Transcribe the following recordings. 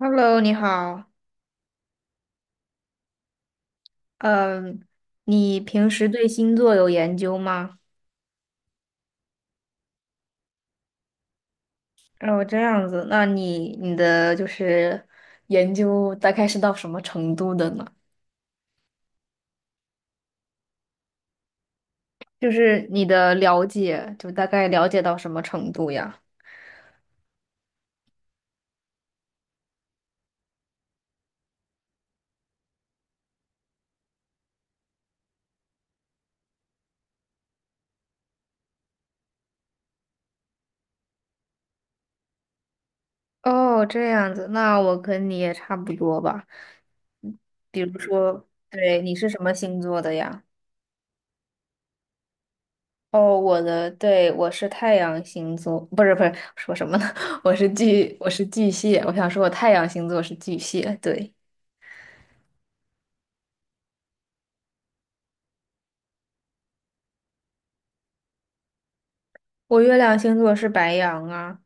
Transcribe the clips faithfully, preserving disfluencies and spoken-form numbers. Hello，你好。嗯，你平时对星座有研究吗？哦，这样子，那你你的就是研究大概是到什么程度的呢？就是你的了解，就大概了解到什么程度呀？哦，这样子，那我跟你也差不多吧。嗯，比如说，对，你是什么星座的呀？哦，我的，对，我是太阳星座，不是不是，说什么呢？我是巨，我是巨蟹。我想说，我太阳星座是巨蟹，对，我月亮星座是白羊啊。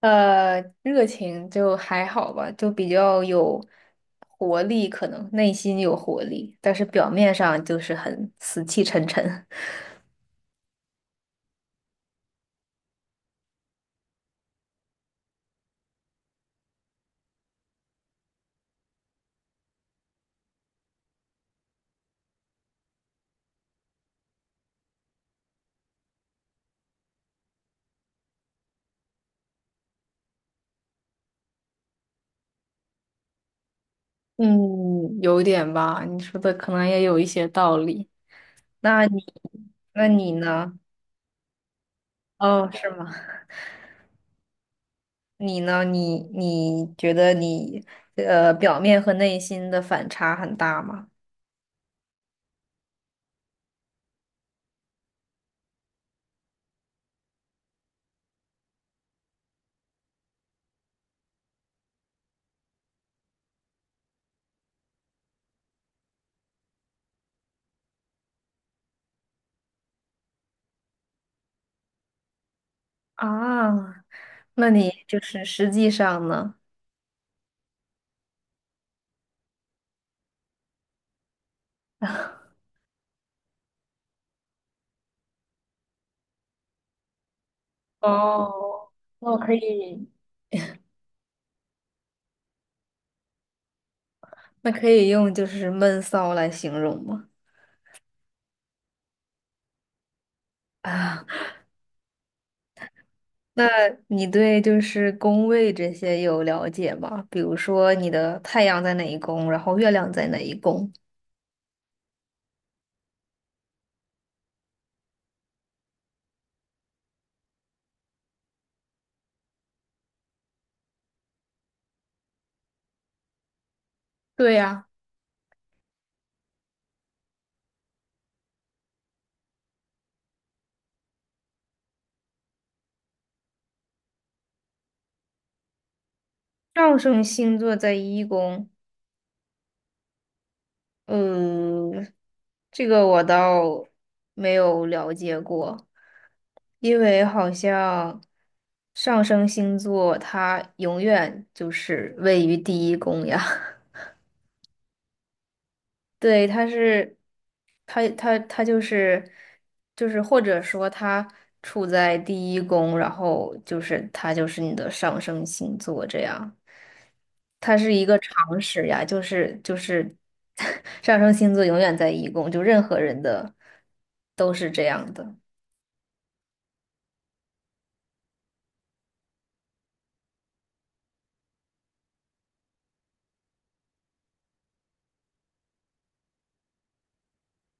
呃，热情就还好吧，就比较有活力，可能内心有活力，但是表面上就是很死气沉沉。嗯，有点吧，你说的可能也有一些道理。那你，那你呢？哦，是吗？你呢？你你觉得你呃表面和内心的反差很大吗？啊，那你就是实际上呢？哦，那我可以，那可以用就是闷骚来形容吗？啊，那你对就是宫位这些有了解吗？比如说你的太阳在哪一宫，然后月亮在哪一宫，对呀，上升星座在一宫，呃，这个我倒没有了解过，因为好像上升星座它永远就是位于第一宫呀。对，他是，他他他就是，就是或者说他处在第一宫，然后就是他就是你的上升星座这样，它是一个常识呀，就是就是 上升星座永远在一宫，就任何人的都是这样的。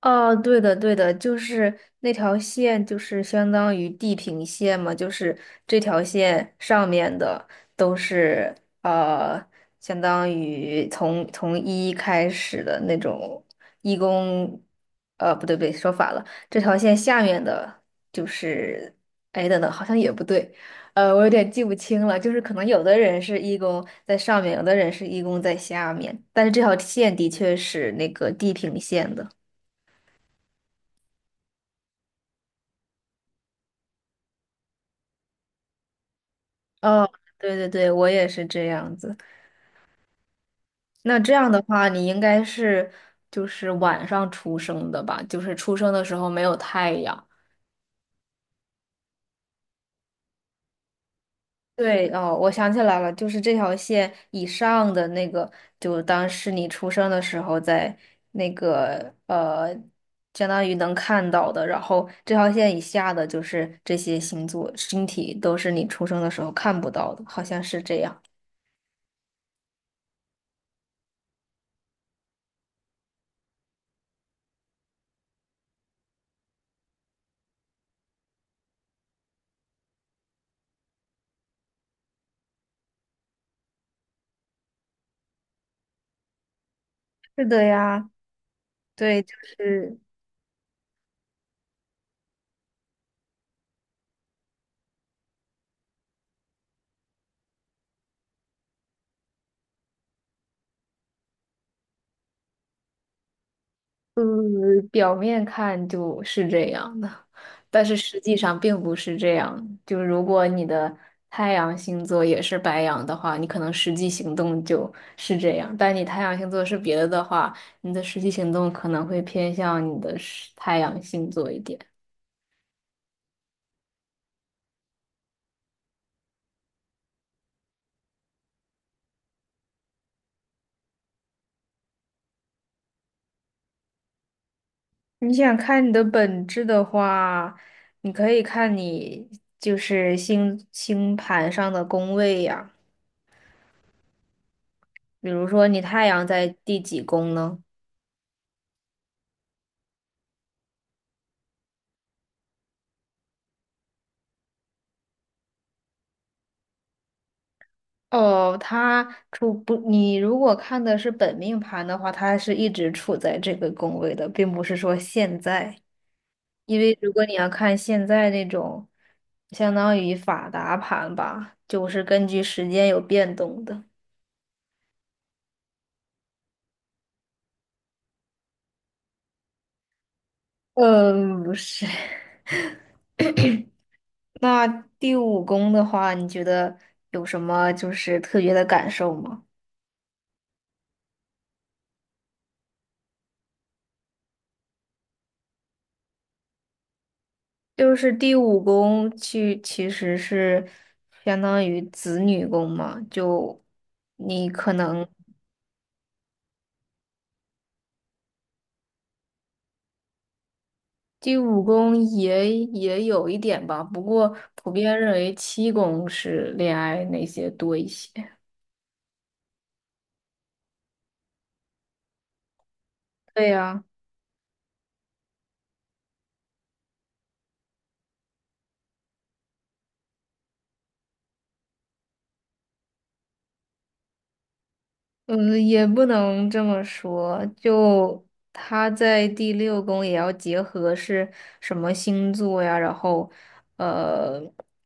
哦，对的，对的，就是那条线，就是相当于地平线嘛，就是这条线上面的都是呃，相当于从从一开始的那种义工，呃，不对不对，说反了，这条线下面的就是，哎，等等，好像也不对，呃，我有点记不清了，就是可能有的人是义工在上面，有的人是义工在下面，但是这条线的确是那个地平线的。哦，对对对，我也是这样子。那这样的话，你应该是就是晚上出生的吧？就是出生的时候没有太阳。对，哦，我想起来了，就是这条线以上的那个，就当是你出生的时候在那个呃，相当于能看到的，然后这条线以下的就是这些星座星体都是你出生的时候看不到的，好像是这样。是的呀，对，就是。嗯，表面看就是这样的，但是实际上并不是这样。就如果你的太阳星座也是白羊的话，你可能实际行动就是这样；但你太阳星座是别的的话，你的实际行动可能会偏向你的是太阳星座一点。你想看你的本质的话，你可以看你就是星星盘上的宫位呀，比如说你太阳在第几宫呢？哦，他处不，你如果看的是本命盘的话，他是一直处在这个宫位的，并不是说现在。因为如果你要看现在那种，相当于法达盘吧，就是根据时间有变动的。嗯，不是。那第五宫的话，你觉得有什么就是特别的感受吗？就是第五宫去其实是相当于子女宫嘛，就你可能第五宫也也有一点吧，不过普遍认为七宫是恋爱那些多一些。对呀，嗯，也不能这么说，就他在第六宫也要结合是什么星座呀，然后呃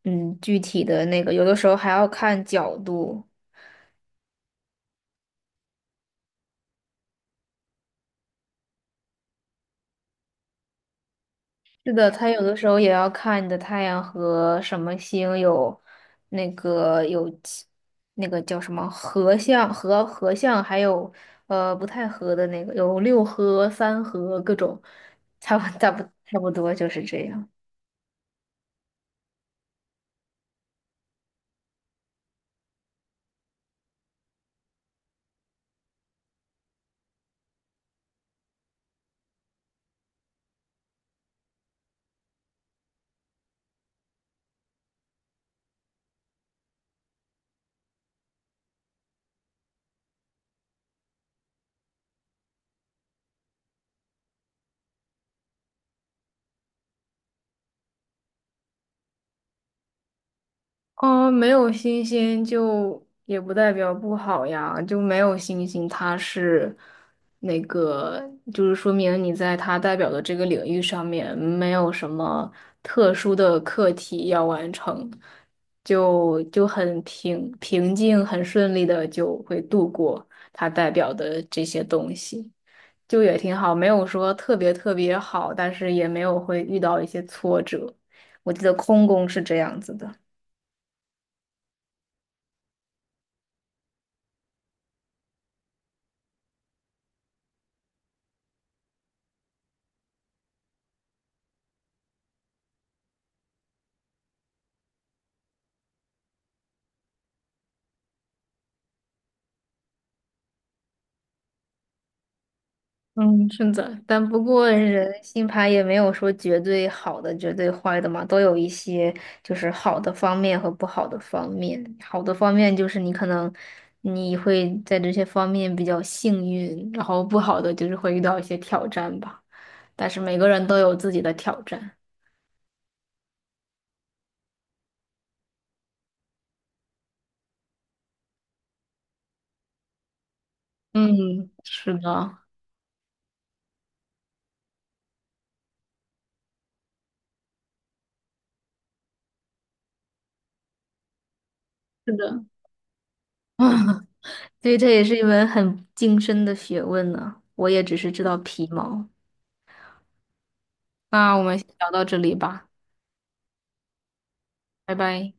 嗯具体的那个，有的时候还要看角度。是的，它有的时候也要看你的太阳和什么星有那个有其那个叫什么合相、合合相，还有呃不太合的那个，有六合、三合各种，差不差不差不多就是这样。嗯，没有星星就也不代表不好呀，就没有星星，它是那个，就是说明你在它代表的这个领域上面没有什么特殊的课题要完成，就就很平平静、很顺利的就会度过它代表的这些东西，就也挺好，没有说特别特别好，但是也没有会遇到一些挫折。我记得空宫是这样子的。嗯，是的，但不过人星牌也没有说绝对好的、绝对坏的嘛，都有一些就是好的方面和不好的方面。好的方面就是你可能你会在这些方面比较幸运，然后不好的就是会遇到一些挑战吧。但是每个人都有自己的挑战。嗯，是的，是的，啊，所以这也是一门很精深的学问呢。我也只是知道皮毛。那我们先聊到这里吧，拜拜。